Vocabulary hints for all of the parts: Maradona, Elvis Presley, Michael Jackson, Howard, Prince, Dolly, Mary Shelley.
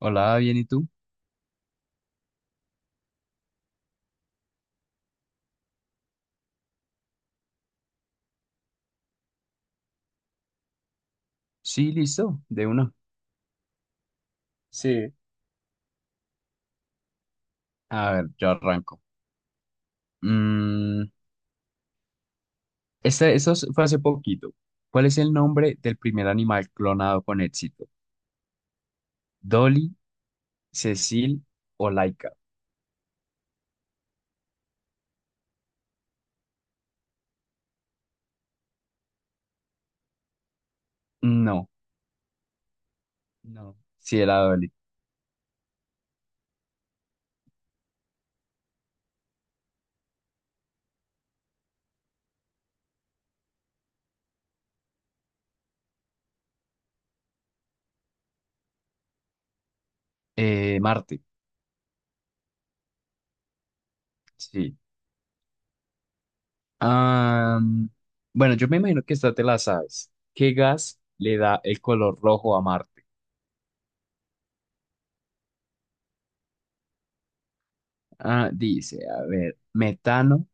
Hola, bien, ¿y tú? Sí, listo, de una. Sí, a ver, yo arranco. Mm, este, fue hace poquito. ¿Cuál es el nombre del primer animal clonado con éxito? ¿Dolly, Cecil o Laika? No, no, sí era Dolly. Marte, sí. Am, bueno, yo me imagino que esta te la sabes. ¿Qué gas le da el color rojo a Marte? Ah, dice, a ver, metano,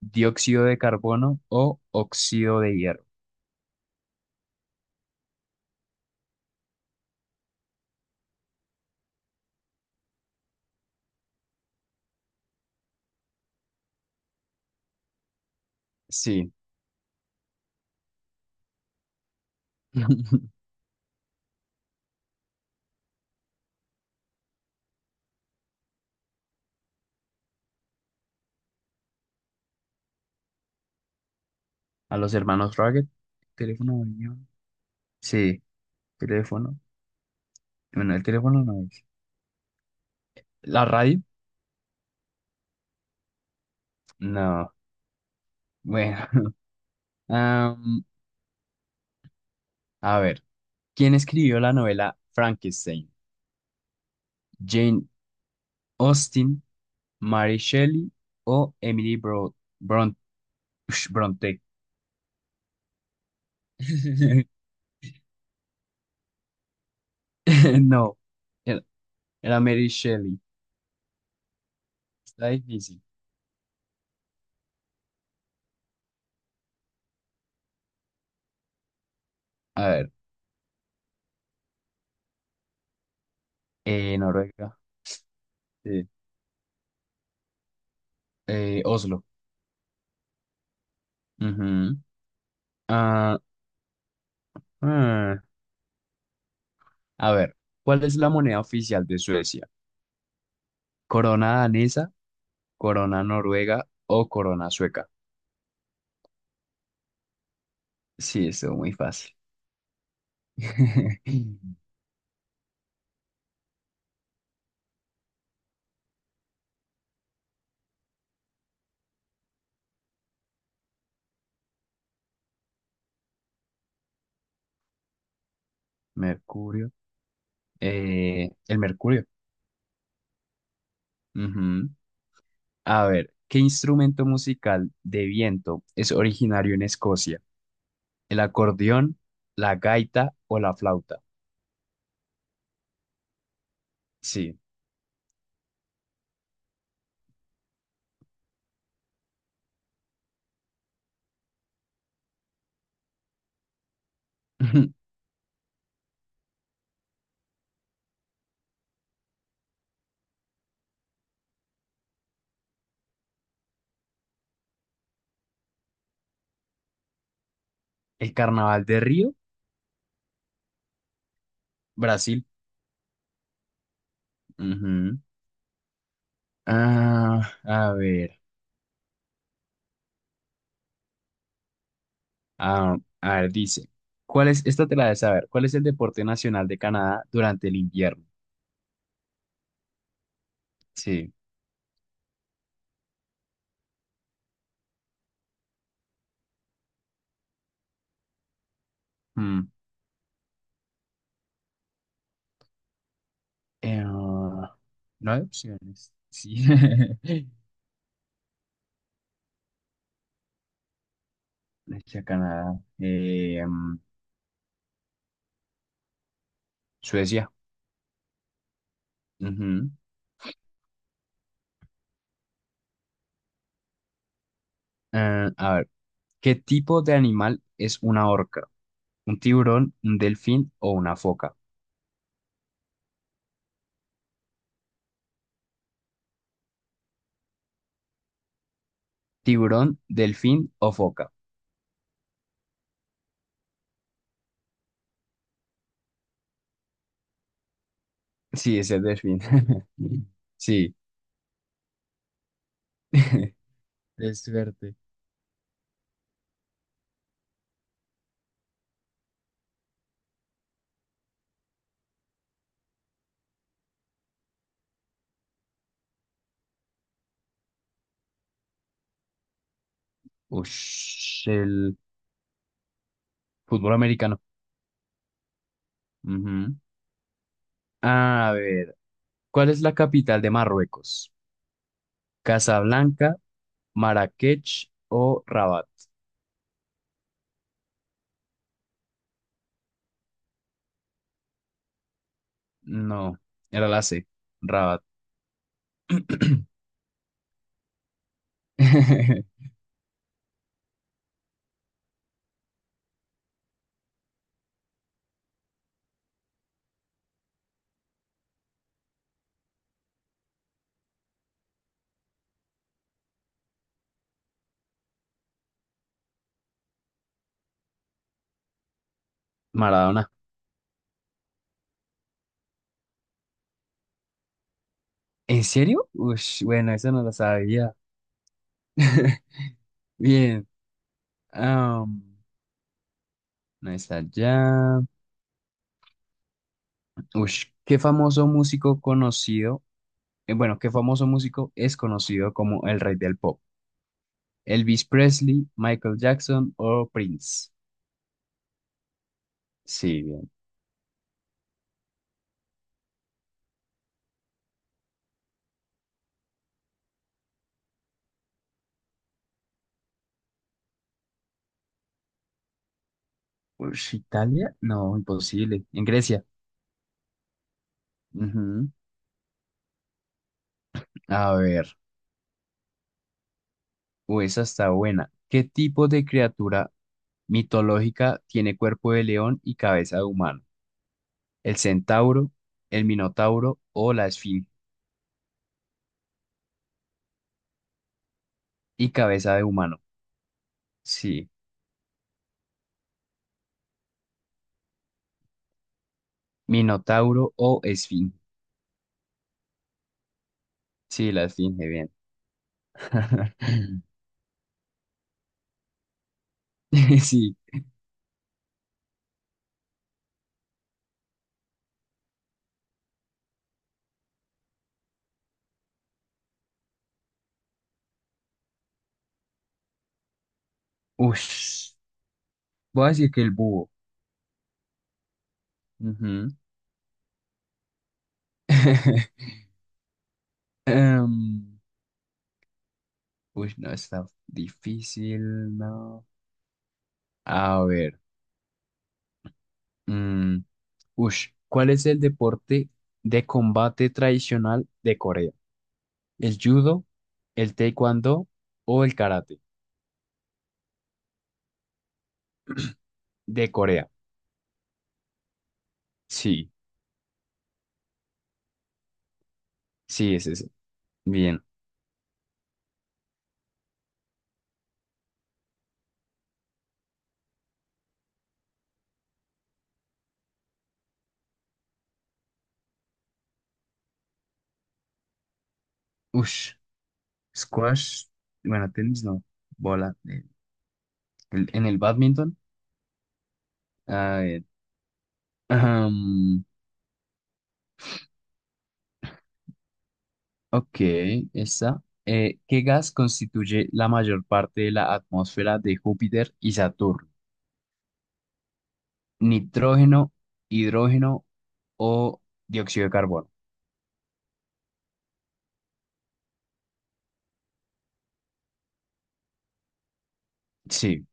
dióxido de carbono o óxido de hierro. Sí. A los hermanos Rugged. Teléfono dañado. Sí, teléfono. Bueno, el teléfono no es. ¿La radio? No. Bueno. Am, a ver. ¿Quién escribió la novela Frankenstein? ¿Jane Austen, Mary Shelley o Emily Bron- Bronte? No. Era era Mary Shelley. Está difícil. A ver. Noruega. Sí. Oslo. Ujú. Ah, ah. A ver, ¿cuál es la moneda oficial de Suecia? ¿Corona danesa, corona noruega o corona sueca? Sí, estuvo muy fácil. Mercurio. El mercurio. Ujú. A ver, ¿qué instrumento musical de viento es originario en Escocia? ¿El acordeón, la gaita o la flauta? Sí. ¿El carnaval de Río? Brasil. Ujú. Ah, a ver. Ah, a ver, dice, ¿cuál es, esta te la de saber, ¿cuál es el deporte nacional de Canadá durante el invierno? Sí. mm, eh, ah, no hay opciones. Sí. Hacia Canadá. Suecia. Ujú. A ver, ¿qué tipo de animal es una orca? ¿Un tiburón, un delfín o una foca? ¿Tiburón, delfín o foca? Sí, es el delfín. Sí. Es suerte. El fútbol americano. Ujú. A ver, ¿cuál es la capital de Marruecos? ¿Casablanca, Marrakech o Rabat? No, era la C, Rabat. Maradona. ¿En serio? Bueno, esa no la sabía. Bien. am, no está ya. ¿Qué famoso músico conocido? Bueno, ¿qué famoso músico es conocido como el rey del pop? ¿Elvis Presley, Michael Jackson o Prince? Sí. Italia, no, imposible. En Grecia. Ujú. A ver, uy, esa está buena. ¿Qué tipo de criatura mitológica tiene cuerpo de león y cabeza de humano? ¿El centauro, el minotauro o la esfinge? Y cabeza de humano. Sí, minotauro o esfinge. Sí, la esfinge, bien. Sí. Ush, voy a decir que el búho. Ujú. Em, Uy, no, está difícil, no. A ver, mm, ¿cuál es el deporte de combate tradicional de Corea? ¿El judo, el taekwondo o el karate? De Corea. Sí, sí, es ese. Bien. Ush, Squash, bueno, tenis no, bola. En el badminton. A ver, ahm, ok, esa. ¿Qué gas constituye la mayor parte de la atmósfera de Júpiter y Saturno? ¿Nitrógeno, hidrógeno o dióxido de carbono? Sí.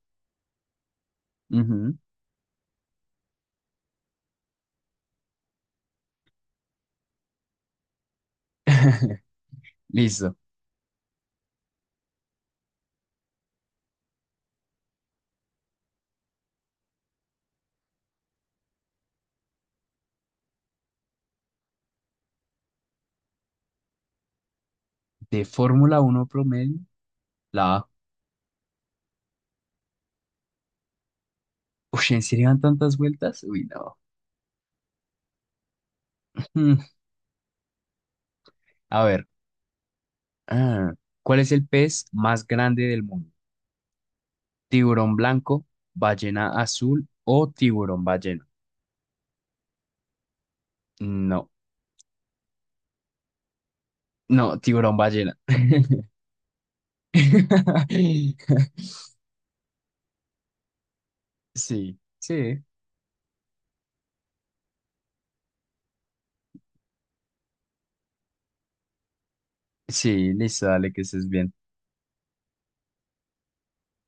Ujú. Listo. De Fórmula 1 promedio, la A. Uy, ¿en serio dan tantas vueltas? Uy, no. Mm, A ver. ah, ¿Cuál es el pez más grande del mundo? ¿Tiburón blanco, ballena azul o tiburón ballena? No, no, tiburón ballena. Sí, sí, sí, listo, dale que estés bien.